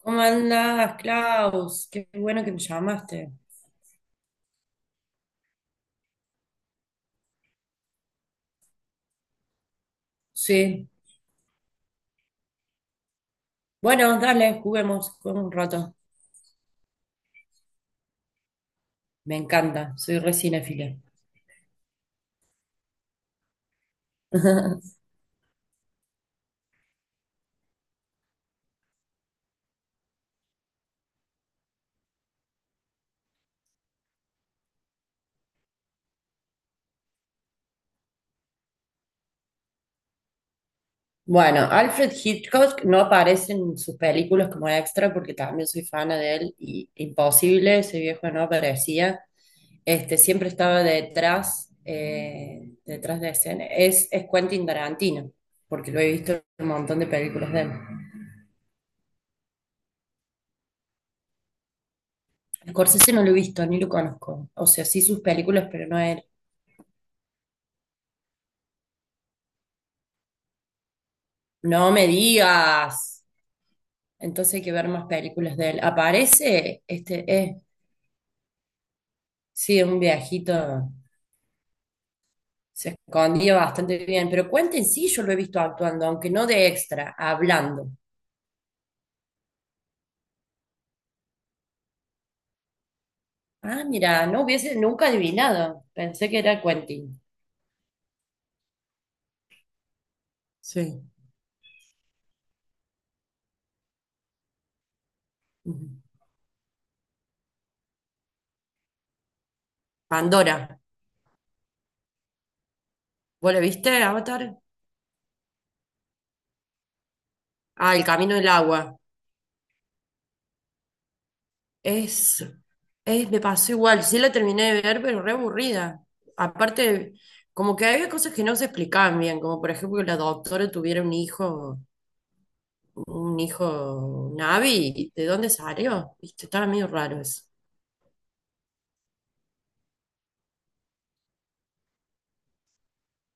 ¿Cómo andás, Klaus? Qué bueno que me llamaste. Sí. Bueno, dale, juguemos, juguemos un rato. Me encanta, soy re cinéfila. Bueno, Alfred Hitchcock no aparece en sus películas como extra porque también soy fana de él y imposible, ese viejo no aparecía. Este, siempre estaba detrás, detrás de escena. Es Quentin Tarantino, porque lo he visto en un montón de películas de él. Scorsese no lo he visto, ni lo conozco. O sea, sí sus películas, pero no él. No me digas. Entonces hay que ver más películas de él. Aparece sí, un viejito. Se escondía bastante bien. Pero Quentin sí, yo lo he visto actuando, aunque no de extra, hablando. Ah, mira, no hubiese nunca adivinado. Pensé que era Quentin. Sí. Ujú. Pandora. ¿Vos lo viste, Avatar? Ah, El Camino del Agua. Es, Me pasó igual, sí la terminé de ver, pero re aburrida. Aparte, como que había cosas que no se explicaban bien, como por ejemplo que la doctora tuviera un hijo Navi, ¿de dónde salió? Viste, estaba medio raro eso.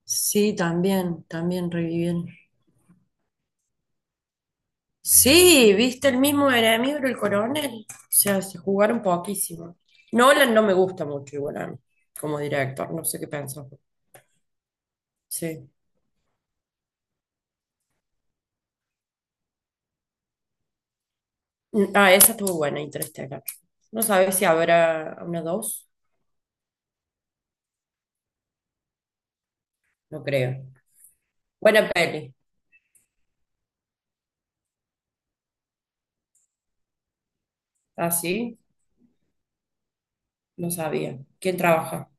Sí, también revivieron. Sí, viste el mismo enemigo era el coronel. O sea, se jugaron poquísimo. Nolan no me gusta mucho igual a mí, como director, no sé qué pensás. Sí. Ah, esa estuvo buena, Interstellar. No sabes si habrá una dos, no creo. Buena peli. Ah, sí, no sabía. ¿Quién trabaja?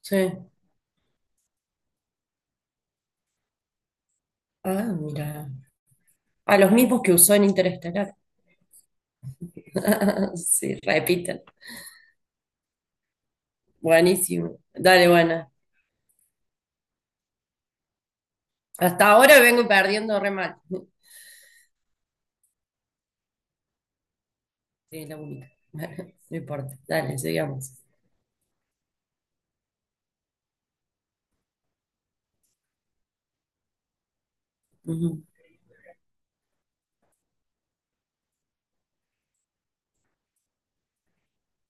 Sí. Ah, mira. A los mismos que usó en Interestelar. Sí, repiten. Buenísimo. Dale, buena. Hasta ahora vengo perdiendo re mal. Sí, la única. No importa. Dale, sigamos. Ujú.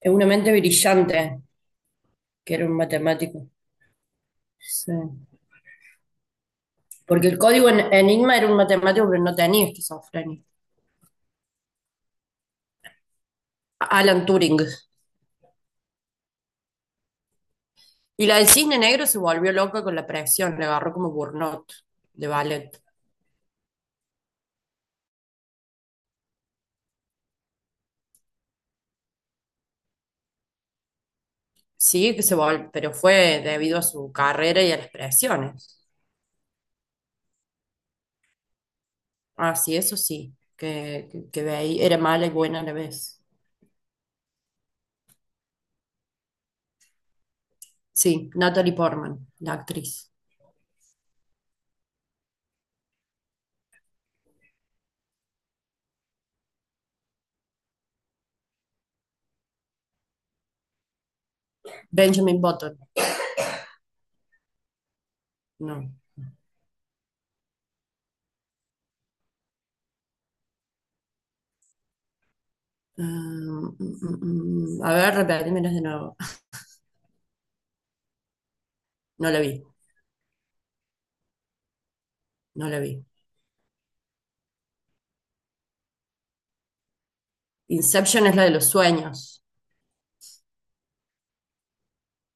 Es una mente brillante, que era un matemático. Sí. Porque el código en Enigma era un matemático que no tenía esquizofrenia. Alan Turing. Y la del cisne negro se volvió loca con la presión, le agarró como burnout de ballet. Sí, que se vol pero fue debido a su carrera y a las presiones. Ah, sí, eso sí, que ve ahí era mala y buena a la vez. Sí, Natalie Portman, la actriz. Benjamin Button, no. Um, mm, mm, mm. mm. A ver, repetímelas de nuevo. No la vi, no la vi. Inception es la de los sueños.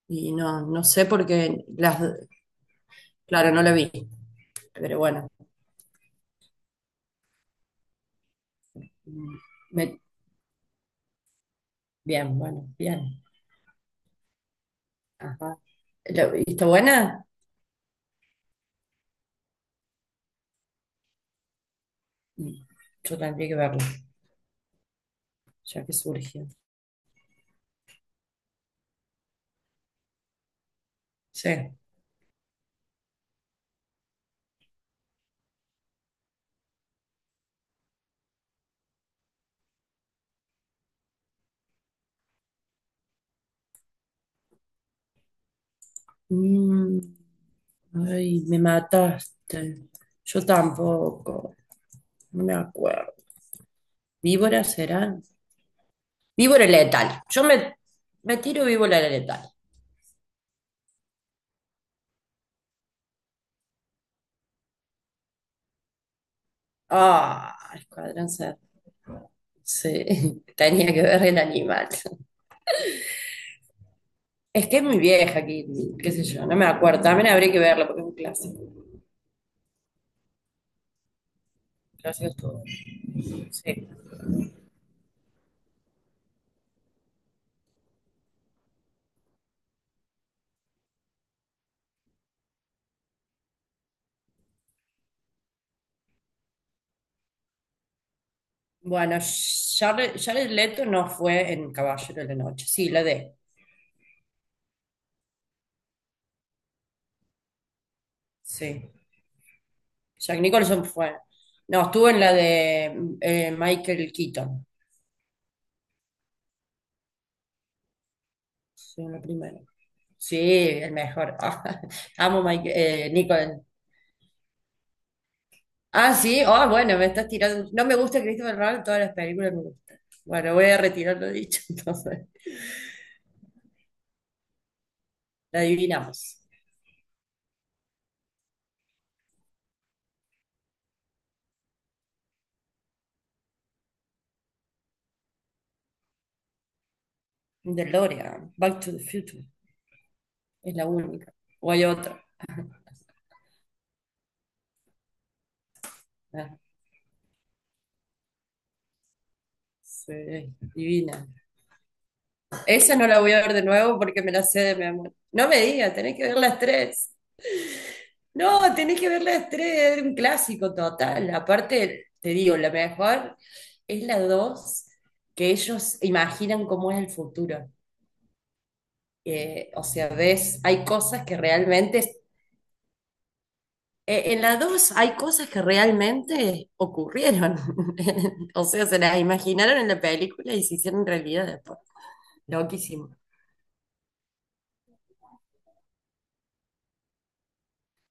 Y no, no sé porque claro, no la vi, pero bueno, mm, me- bien, bueno, bien. Ajá. ¿La viste buena? Mm, yo tendría que verla, ya que surgió. Sí. Mm, ay, me mataste. Yo tampoco, no me acuerdo. ¿Víbora será? Víbora letal. Yo me tiro víbora letal. Ah, Escuadrón Cer- Sí, tenía que ver el animal. Es que es muy vieja aquí, qué sé yo, no me acuerdo. También habría que verlo porque es un clásico. Un clásico es todo. Sí. Bueno, Charles, Jared Leto no fue en Caballero de la Noche. Sí, la de. Sí. Jack Nicholson fue. No, estuvo en la de Michael Keaton. Sí, en la primera. Sí, el mejor. Amo Michael, Nicholson. Ah, sí, ah, bueno, me estás tirando. No me gusta Christopher Nolan, en todas las películas me gustan. Bueno, voy a retirar lo dicho, entonces. La adivinamos. DeLorean, Back to the Future, es la única. O hay otra. Ah, sí, divina. Esa no la voy a ver de nuevo porque me la sé de mi amor. No me digas, tenés que ver las tres. No, tenés que ver las tres, es un clásico total. Aparte, te digo, la mejor es la dos, que ellos imaginan cómo es el futuro. O sea, ves, hay cosas que realmente, en la 2 hay cosas que realmente ocurrieron. O sea, se las imaginaron en la película y se hicieron realidad después. Loquísimo.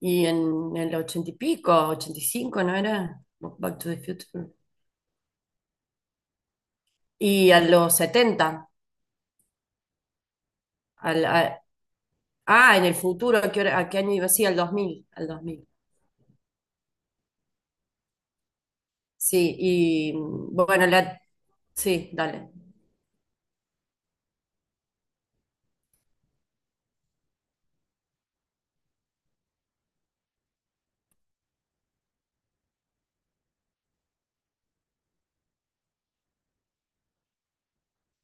Y el ochenta y pico, 85 ¿no era? Back to the Future. Y a los 70, al- a- ah, en el futuro, a qué año iba? Sí, al 2000, al 2000. Sí, y bueno, sí, dale.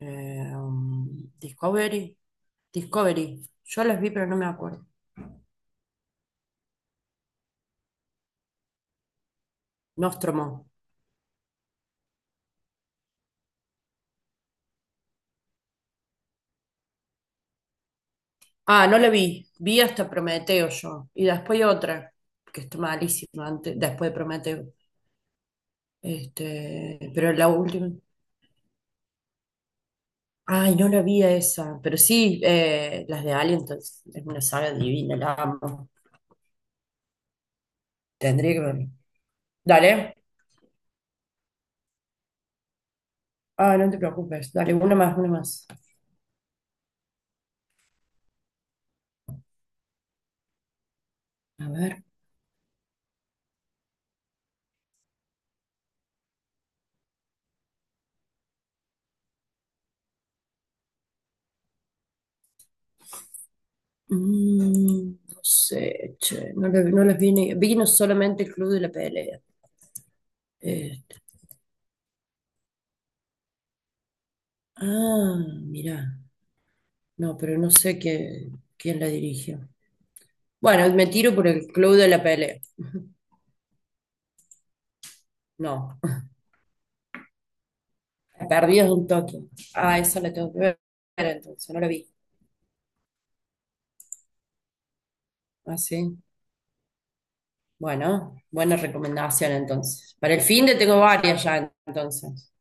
Discovery. Discovery. Yo las vi, pero no me acuerdo. Nostromo. Ah, no la vi. Vi hasta Prometeo yo. Y después otra, que está malísima antes, después de Prometeo. Este, pero la última. Ay, no la vi a esa. Pero sí, las de Alien, entonces, es una saga divina, la amo. Tendría que verla. Dale. Ah, no te preocupes. Dale, una más, una más. A ver. Mm, no sé, che, no, no les vi vi no solamente el club de la pelea. Este, ah, mirá, no, pero no sé quién la dirigió. Bueno, me tiro por el club de la pelea. No, Perdidos un toque. Ah, eso la tengo que ver entonces, no la vi. Ah, sí. Bueno, buena recomendación entonces. Para el fin de tengo varias ya entonces.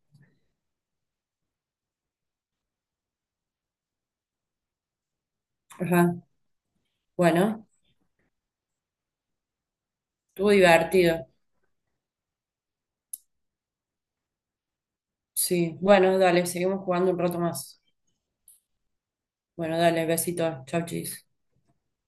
Ajá. Bueno, estuvo divertido. Sí, bueno, dale, seguimos jugando un rato más. Bueno, dale, besito. Chau, chis.